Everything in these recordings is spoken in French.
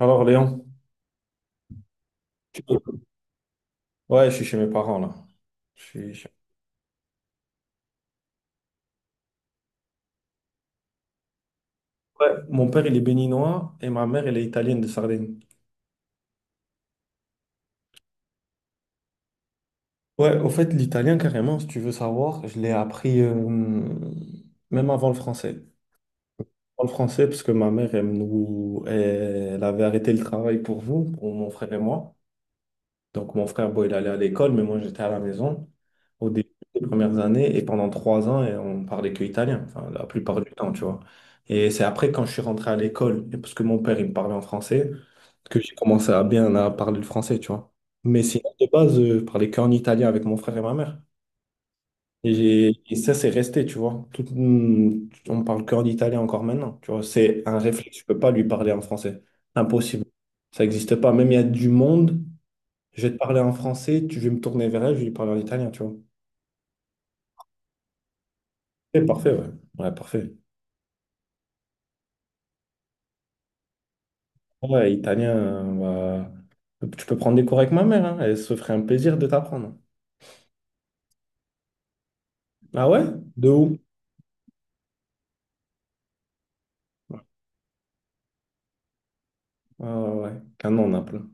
Alors Léon, Tu- ouais, je suis chez mes parents là. Je suis chez- Ouais, mon père il est béninois et ma mère elle est italienne de Sardaigne. Ouais, au fait l'italien carrément, si tu veux savoir, je l'ai appris même avant le français. Avant le français parce que ma mère elle avait arrêté le travail pour mon frère et moi. Donc, mon frère, bon, il allait à l'école, mais moi, j'étais à la maison au début des premières années et pendant 3 ans, et on parlait que italien, enfin, la plupart du temps, tu vois. Et c'est après, quand je suis rentré à l'école, et parce que mon père, il me parlait en français, que j'ai commencé à bien à parler le français, tu vois. Mais sinon, de base, je parlais qu'en italien avec mon frère et ma mère. Et ça, c'est resté, tu vois. Tout, on parle qu'en italien encore maintenant, tu vois. C'est un réflexe, je peux pas lui parler en français. Impossible. Ça n'existe pas. Même il y a du monde. Je vais te parler en français, tu veux me tourner vers elle, je vais lui parler en italien, tu vois. C'est parfait, ouais. Ouais, parfait. Ouais, italien, euh, bah, tu peux prendre des cours avec ma mère, hein, elle se ferait un plaisir de t'apprendre. Ah ouais? De où? Ah ouais, un an, plein.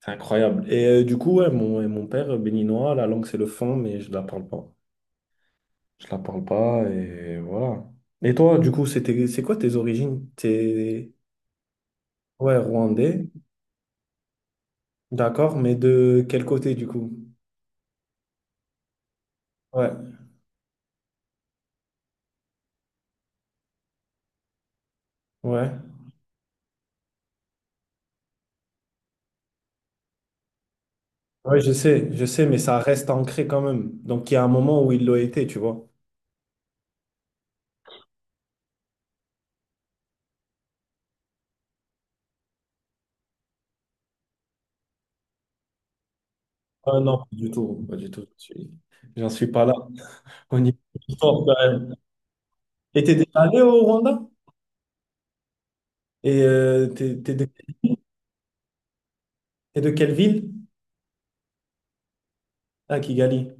C'est incroyable. Et du coup, ouais, mon, et mon père, béninois, la langue, c'est le fond, mais je la parle pas. Je la parle pas, et voilà. Et toi, du coup, c'était, c'est quoi tes origines? T'es, ouais, rwandais, d'accord, mais de quel côté, du coup? Ouais, ouais. Ouais, je sais, mais ça reste ancré quand même. Donc, il y a un moment où il l'a été, tu vois. Ah non, pas du tout, pas du tout. J'en suis pas là. Au niveau du sport, quand même. Et t'es déjà allé au Rwanda? Et t'es de quelle ville? Ah, Kigali.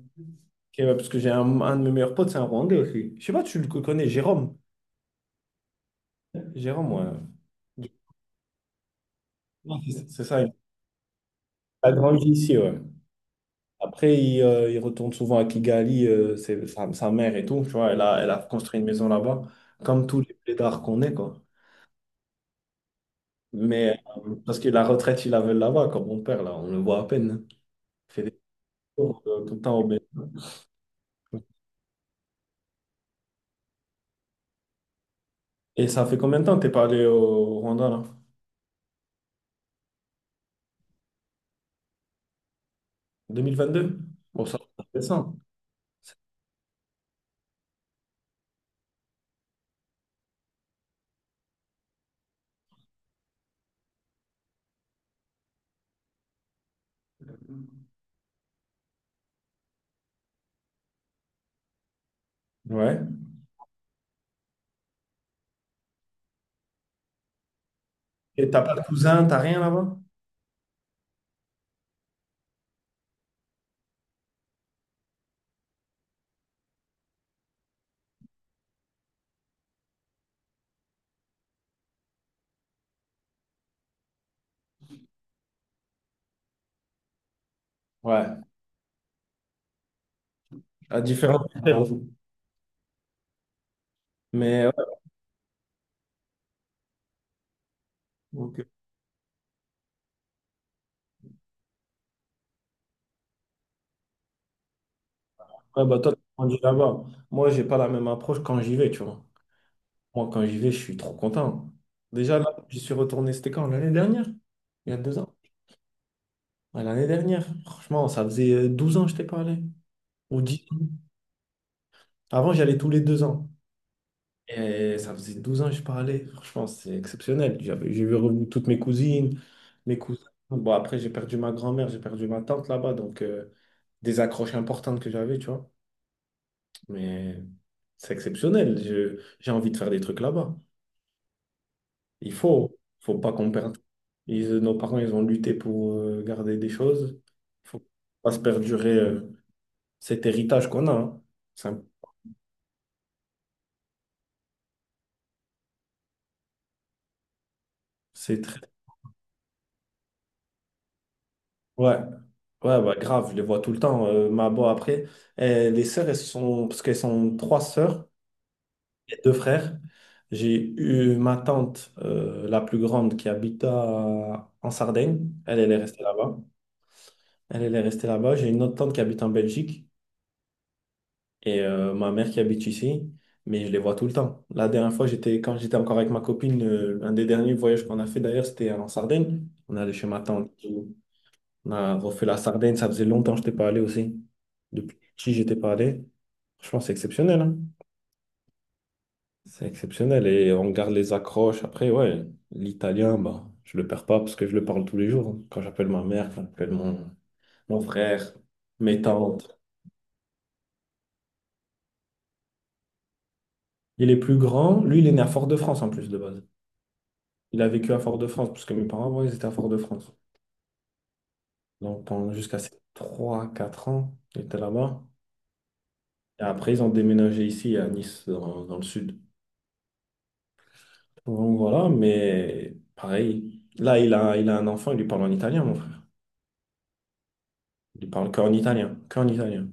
Ok, ouais, parce que j'ai un de mes meilleurs potes, c'est un Rwandais aussi. Je sais pas, tu le connais, Jérôme. Jérôme, ouais. Non, c'est ça, il a grandi ici, ouais. Après, il retourne souvent à Kigali, c'est sa, sa mère et tout, tu vois, elle a, elle a construit une maison là-bas, comme tous les plaidards qu'on est, quoi. Mais parce que la retraite, ils la veulent là-bas, comme mon père, là, on le voit à peine, hein. Il fait des tours tout le temps au Bénin. Et ça fait combien de temps que t'es pas allé au Rwanda, là? 2022? Bon, ça, c'est récent. Ouais. Et t'as pas de cousin, t'as rien là-bas? Ouais, à différents niveaux. Mais ouais, ok. Ouais, bah toi, t'as grandi là-bas. Moi, j'ai pas la même approche quand j'y vais, tu vois. Moi, quand j'y vais, je suis trop content. Déjà, là, j'y suis retourné, c'était quand? L'année dernière? Il y a 2 ans? Ouais, l'année dernière. Franchement, ça faisait 12 ans que je t'ai parlé. Ou 10 ans. Avant, j'allais tous les 2 ans. Et ça faisait 12 ans que je parlais. Franchement, c'est exceptionnel. J'avais, j'ai vu revenir toutes mes cousines, mes cousins. Bon, après, j'ai perdu ma grand-mère, j'ai perdu ma tante là-bas. Donc, des accroches importantes que j'avais, tu vois. Mais c'est exceptionnel. J'ai envie de faire des trucs là-bas. Il faut, faut pas qu'on perde. Nos parents, ils ont lutté pour garder des choses. Faut pas se perdurer cet héritage qu'on a, hein. C'est un- c'est très. Ouais, ouais, bah, grave, je les vois tout le temps. Les sœurs, elles sont, parce qu'elles sont 3 sœurs et 2 frères. J'ai eu ma tante, la plus grande, en Sardaigne. Elle, elle est restée là-bas. Elle, elle est restée là-bas. J'ai une autre tante qui habite en Belgique. Et ma mère qui habite ici, mais je les vois tout le temps. La dernière fois, j'étais, quand j'étais encore avec ma copine, un des derniers voyages qu'on a fait d'ailleurs, c'était en Sardaigne. On allait chez ma tante. On a refait la Sardaigne. Ça faisait longtemps que je n'étais pas allé aussi. Depuis petit, je n'étais pas allé. Franchement, c'est exceptionnel, hein. C'est exceptionnel. Et on garde les accroches. Après, ouais, l'italien, bah, je le perds pas parce que je le parle tous les jours. Quand j'appelle ma mère, quand j'appelle mon, mon frère, mes tantes. Il est plus grand. Lui, il est né à Fort-de-France en plus de base. Il a vécu à Fort-de-France, parce que mes parents, avant, ils étaient à Fort-de-France. Donc, pendant jusqu'à ses trois quatre ans, ils étaient là-bas. Et après, ils ont déménagé ici, à Nice, dans, dans le sud. Donc, voilà, mais pareil. Là, il a un enfant, il lui parle en italien, mon frère. Il lui parle qu'en italien, qu'en italien.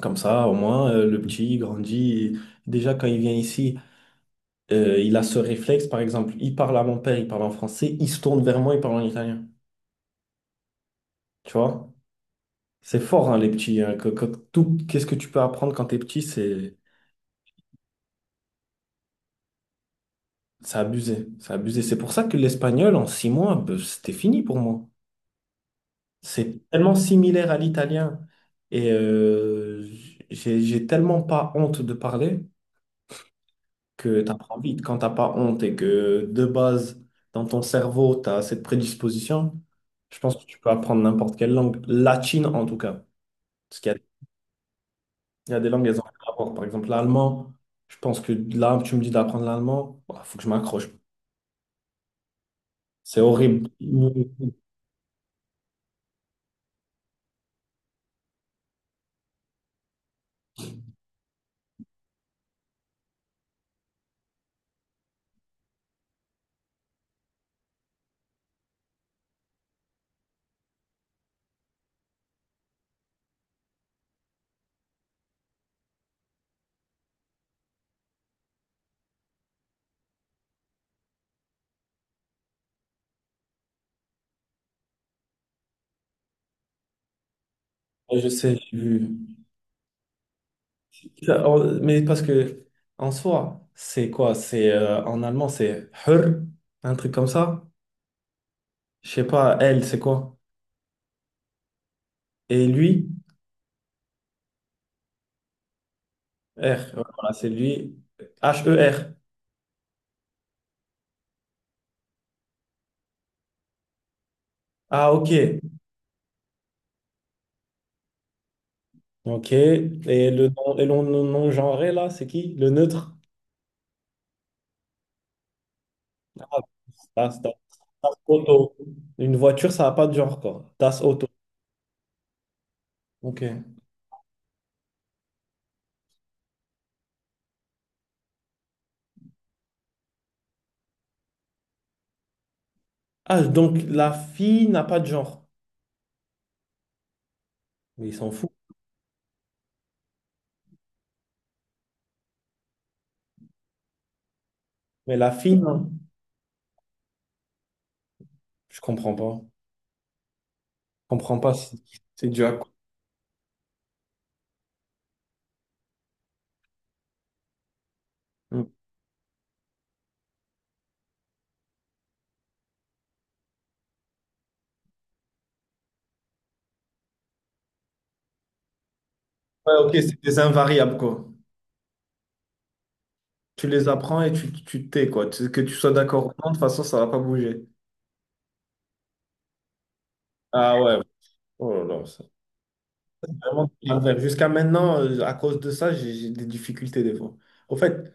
Comme ça, au moins, le petit, il grandit. Et déjà, quand il vient ici, il a ce réflexe, par exemple, il parle à mon père, il parle en français, il se tourne vers moi, il parle en italien. Tu vois? C'est fort, hein, les petits, hein, tout, qu'est-ce que tu peux apprendre quand t'es petit, c'est C'est abusé. C'est pour ça que l'espagnol, en 6 mois, ben, c'était fini pour moi. C'est tellement similaire à l'italien. Et j'ai tellement pas honte de parler que t'apprends vite. Quand t'as pas honte et que de base, dans ton cerveau, t'as cette prédisposition, je pense que tu peux apprendre n'importe quelle langue. Latine, en tout cas. Parce qu'il y a Il y a des langues, elles ont un rapport. Par exemple, l'allemand, je pense que là, tu me dis d'apprendre l'allemand, il faut que je m'accroche. C'est horrible. Ouais, je sais, j'ai vu. Mais parce que, en soi, c'est quoi? C'est en allemand, c'est her, un truc comme ça. Je sais pas, elle, c'est quoi? Et lui, R. Ouais, voilà, c'est lui, H-E-R. Ah, ok. Ok. Et le non, et l'on- non- non-genré, là, c'est qui? Le neutre? Ah, tas das, das auto. Une voiture, ça n'a pas de genre, quoi. Tas auto. Ok. Ah, donc la fille n'a pas de genre. Mais il s'en fout. Mais la fille, non. Je comprends pas. Je comprends pas. C'est dû à quoi? Mm. Ouais, ok, c'est des invariables, quoi. Tu les apprends et tu t'es, quoi. Tu- Que tu sois d'accord ou non, de toute façon, ça va pas bouger. Ah ouais. Oh là là, c'est vraiment un calvaire. Jusqu'à maintenant, à cause de ça, j'ai des difficultés des fois. Au fait,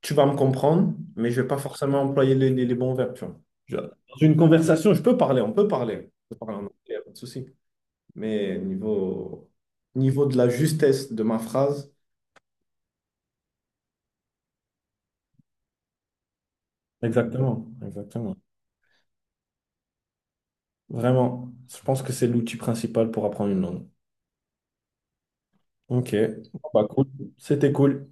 tu vas me comprendre, mais je ne vais pas forcément employer les bons verbes, tu vois. Dans une conversation, je peux parler, on peut parler. On peut parler en anglais, y a pas de souci. Mais niveau, niveau de la justesse de ma phrase. Exactement, exactement. Vraiment, je pense que c'est l'outil principal pour apprendre une langue. Ok, bah cool, c'était cool.